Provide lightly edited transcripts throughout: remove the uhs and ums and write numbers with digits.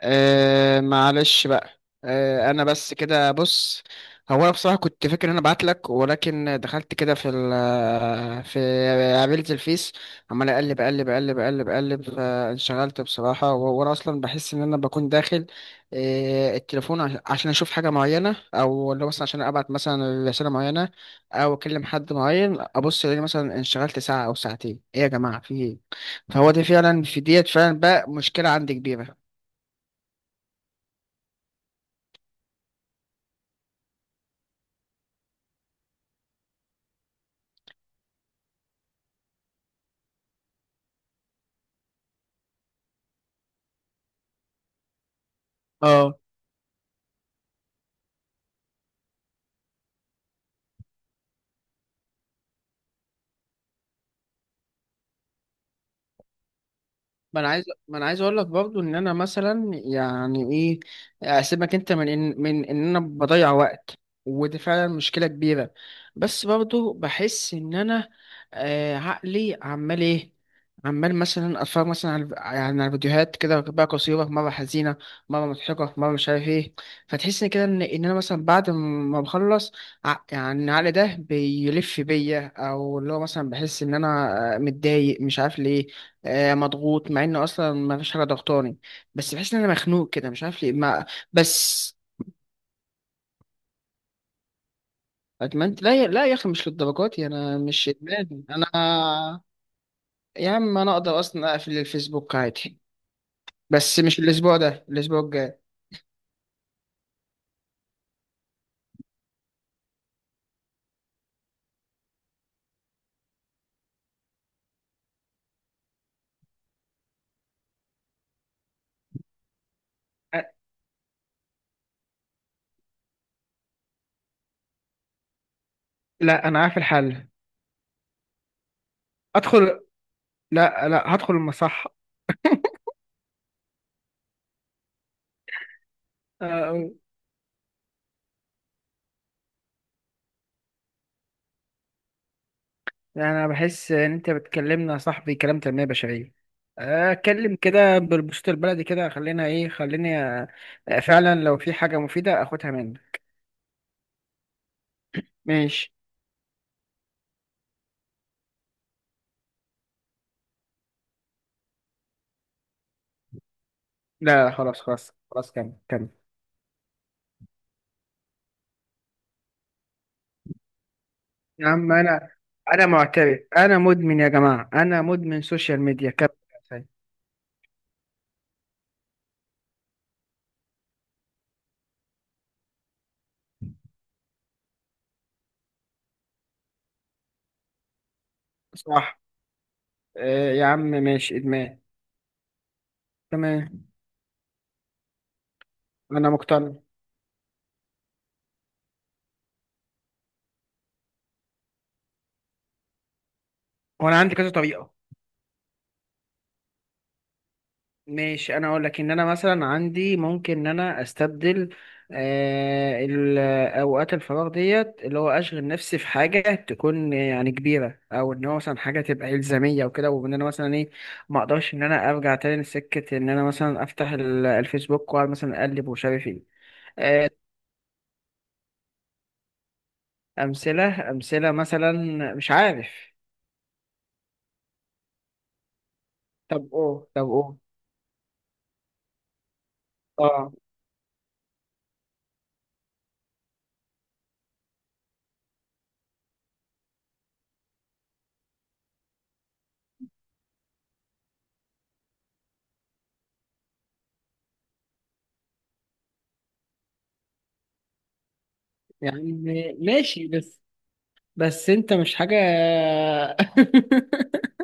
آه معلش بقى. انا بس كده، بص. هو انا بصراحه كنت فاكر ان انا ابعت لك، ولكن دخلت كده في ال، في قابلت الفيس. عمال اقلب اقلب اقلب اقلب اقلب، فانشغلت بصراحه. وهو انا اصلا بحس ان انا بكون داخل التليفون عشان اشوف حاجه معينه، او اللي هو مثلا عشان ابعت مثلا رساله معينه، او اكلم حد معين. ابص الاقي مثلا انشغلت ساعه او ساعتين، ايه يا جماعه، في ايه؟ فهو ده فعلا في ديت فعلا بقى مشكله عندي كبيره. ما انا عايز اقول لك برضو ان انا مثلا، يعني ايه، اسيبك انت من ان انا بضيع وقت، ودي فعلا مشكله كبيره. بس برضو بحس ان انا، عقلي عمال ايه، عمال مثلا اتفرج مثلا على، يعني على فيديوهات كده بقى، قصيره، مره حزينه، مره مضحكه، مره مش عارف ايه. فتحس إن كده ان انا مثلا بعد ما بخلص، يعني العقل ده بيلف بيا، او اللي هو مثلا بحس ان انا متضايق مش عارف ليه، مضغوط، مع ان اصلا ما فيش حاجه ضغطاني. بس بحس ان انا مخنوق كده مش عارف ليه ما. بس ادمنت؟ لا، لا يا اخي، مش للدرجات دي، انا مش ادمان. انا يا عم انا اقدر اصلا اقفل الفيسبوك عادي، بس مش الاسبوع ده، الاسبوع الجاي. أ- لا انا عارف الحل. ادخل؟ لا لا، هدخل المصح. أه، يعني انا بحس ان انت بتكلمنا يا صاحبي كلام تنمية بشرية. اتكلم كده بالبسط البلدي كده، خلينا ايه خليني. فعلا لو في حاجة مفيدة اخدها منك. ماشي. لا خلاص خلاص خلاص، كمل كمل. يا عم انا معترف، انا مدمن يا جماعه، انا مدمن سوشيال ميديا، كمل. صح. آه يا عم، ماشي ادمان. تمام، انا مقتنع. وانا عندي كذا طريقه. ماشي، انا اقول لك ان انا مثلا عندي، ممكن ان انا استبدل آه، ال- اوقات الفراغ ديت، اللي هو اشغل نفسي في حاجه تكون يعني كبيره، او ان هو مثلا حاجه تبقى الزاميه وكده، وان انا مثلا ايه، ما اقدرش ان انا ارجع تاني لسكه ان انا مثلا افتح الفيسبوك واقعد مثلا اقلب ومش عارف ايه. آه، امثله، امثله مثلا، مش عارف. طب طب قول. اه يعني ماشي. بس انت مش حاجه.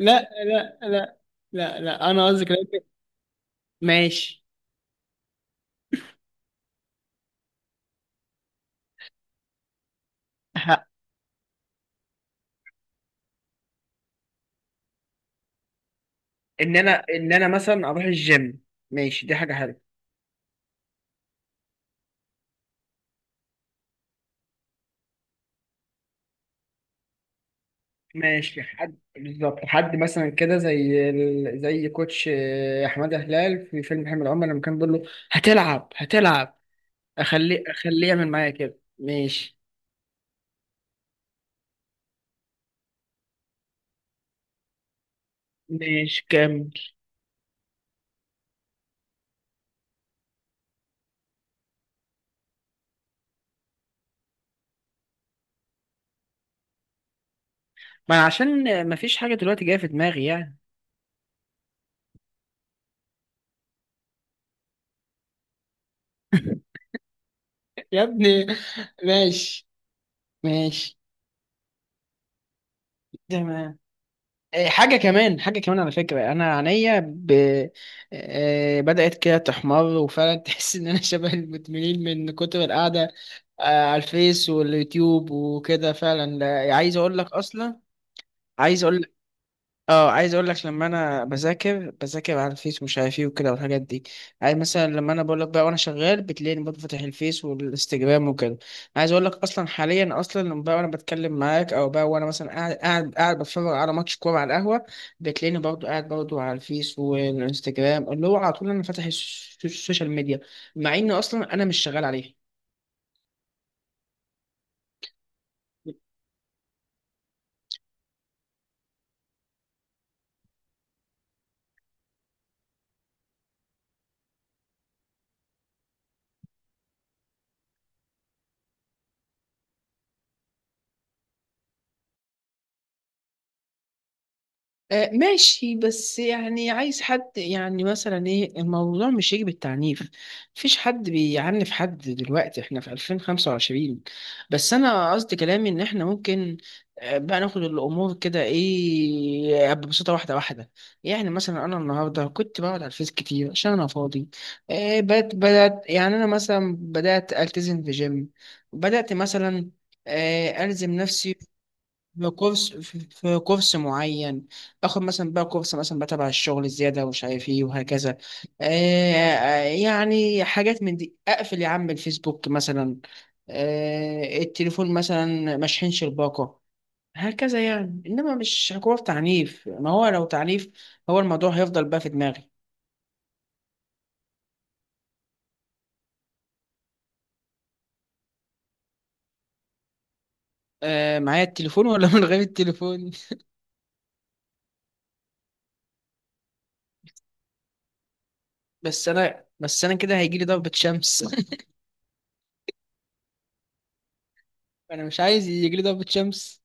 لا لا لا لا لا، انا قصدي كلام. ماشي، ه- ان انا مثلا اروح الجيم. ماشي دي حاجه حلوه. ماشي حد بالظبط، حد مثلا كده زي زي كوتش احمد هلال في فيلم حمل عمر لما كان بيقول له هتلعب هتلعب. اخليه اخليه يعمل معايا كده، ماشي. ماشي كمل. ما أنا عشان ما فيش حاجه دلوقتي جايه في دماغي يعني. يا ابني. ماشي، ماشي تمام. حاجة كمان، حاجة كمان على فكرة، أنا عينيا بدأت كده تحمر، وفعلا تحس إن أنا شبه المدمنين من كتر القعدة على الفيس واليوتيوب وكده. فعلا لا، عايز أقول لك أصلا، عايز أقول اه عايز اقول لك لما انا بذاكر، على الفيس ومش عارف ايه وكده والحاجات دي. عايز مثلا لما انا بقول لك بقى، وانا شغال بتلاقيني برضه فاتح الفيس والانستجرام وكده. عايز اقول لك اصلا حاليا، اصلا لما بقى وانا بتكلم معاك، او بقى وانا مثلا قاعد، بتفرج على ماتش كوره على القهوه، بتلاقيني برضه قاعد برضه على الفيس والانستجرام، اللي هو على طول انا فاتح السوشيال ميديا، مع ان اصلا انا مش شغال عليها. ماشي، بس يعني عايز حد يعني مثلا ايه، الموضوع مش يجي بالتعنيف. مفيش حد بيعنف حد دلوقتي، احنا في 2025. بس انا قصدي كلامي ان احنا ممكن بقى ناخد الامور كده ايه آه، ببساطه، واحده واحده. يعني مثلا انا النهارده كنت بقعد على الفيس كتير عشان انا فاضي. بدات، يعني انا مثلا بدات التزم في جيم، بدات مثلا الزم نفسي في كورس، في كورس معين، باخد مثلا بقى كورس مثلا بقى تبع الشغل الزيادة ومش عارف ايه، وهكذا. يعني حاجات من دي، اقفل يا عم الفيسبوك مثلا، التليفون مثلا مشحنش الباقة، هكذا يعني. انما مش حكومة تعنيف، ما هو لو تعنيف هو الموضوع هيفضل بقى في دماغي. آه، معايا التليفون ولا من غير التليفون؟ بس انا كده هيجيلي ضربة شمس. انا مش عايز يجيلي ضربة شمس.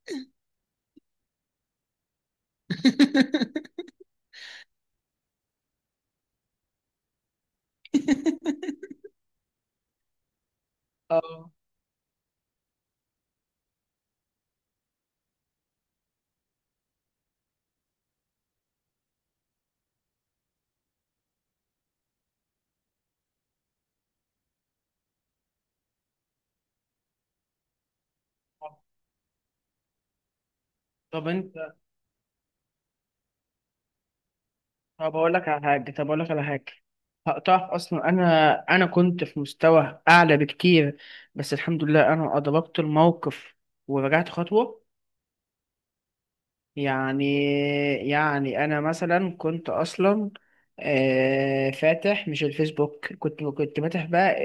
اه. طب انت طب اقول لك على حاجه، هقطعك اصلا. انا كنت في مستوى اعلى بكتير، بس الحمد لله انا ادركت الموقف ورجعت خطوه. يعني، انا مثلا كنت اصلا فاتح مش الفيسبوك، كنت فاتح بقى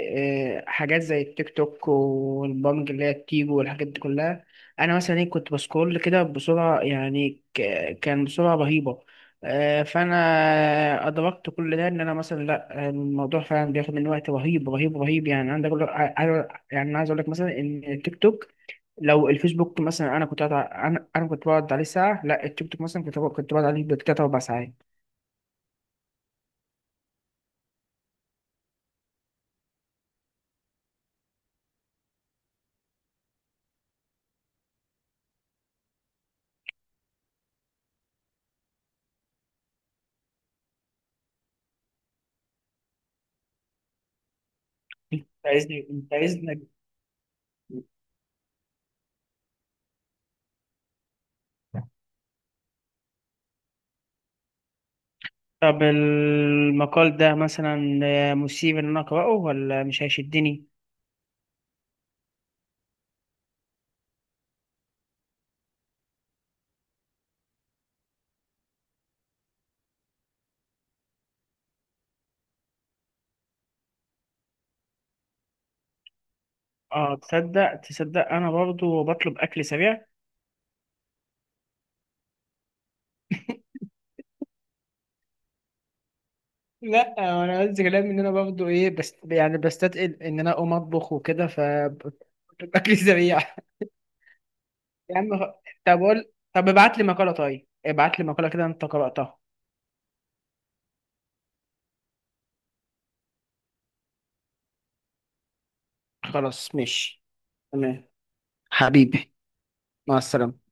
حاجات زي التيك توك والبرامج اللي هي التيجو والحاجات دي كلها. انا مثلا ايه كنت بسكرول كده بسرعه، يعني كان بسرعه رهيبه. فانا ادركت كل ده، ان انا مثلا لا الموضوع فعلا بياخد من وقت رهيب رهيب رهيب يعني. عندك يعني عايز اقول لك مثلا ان التيك توك لو الفيسبوك مثلا، انا كنت قاعد انا كنت بقعد عليه ساعه. لا التيك توك مثلا كنت بقعد عليه بالتلات اربع ساعات. عايزني انت، عايزنك. طب المقال ده مثلا مثير ان انا اقراه ولا مش هيشدني؟ اه تصدق تصدق انا برضو بطلب اكل سريع. لا انا قصدي كلام ان انا برضو ايه، بس يعني بستثقل ان انا اقوم اطبخ وكده، ف بطلب اكل سريع. يا عم طب قول، طب ابعت لي مقاله، طيب ابعت لي مقاله كده انت قراتها. خلاص ماشي. تمام. حبيبي، مع السلامة.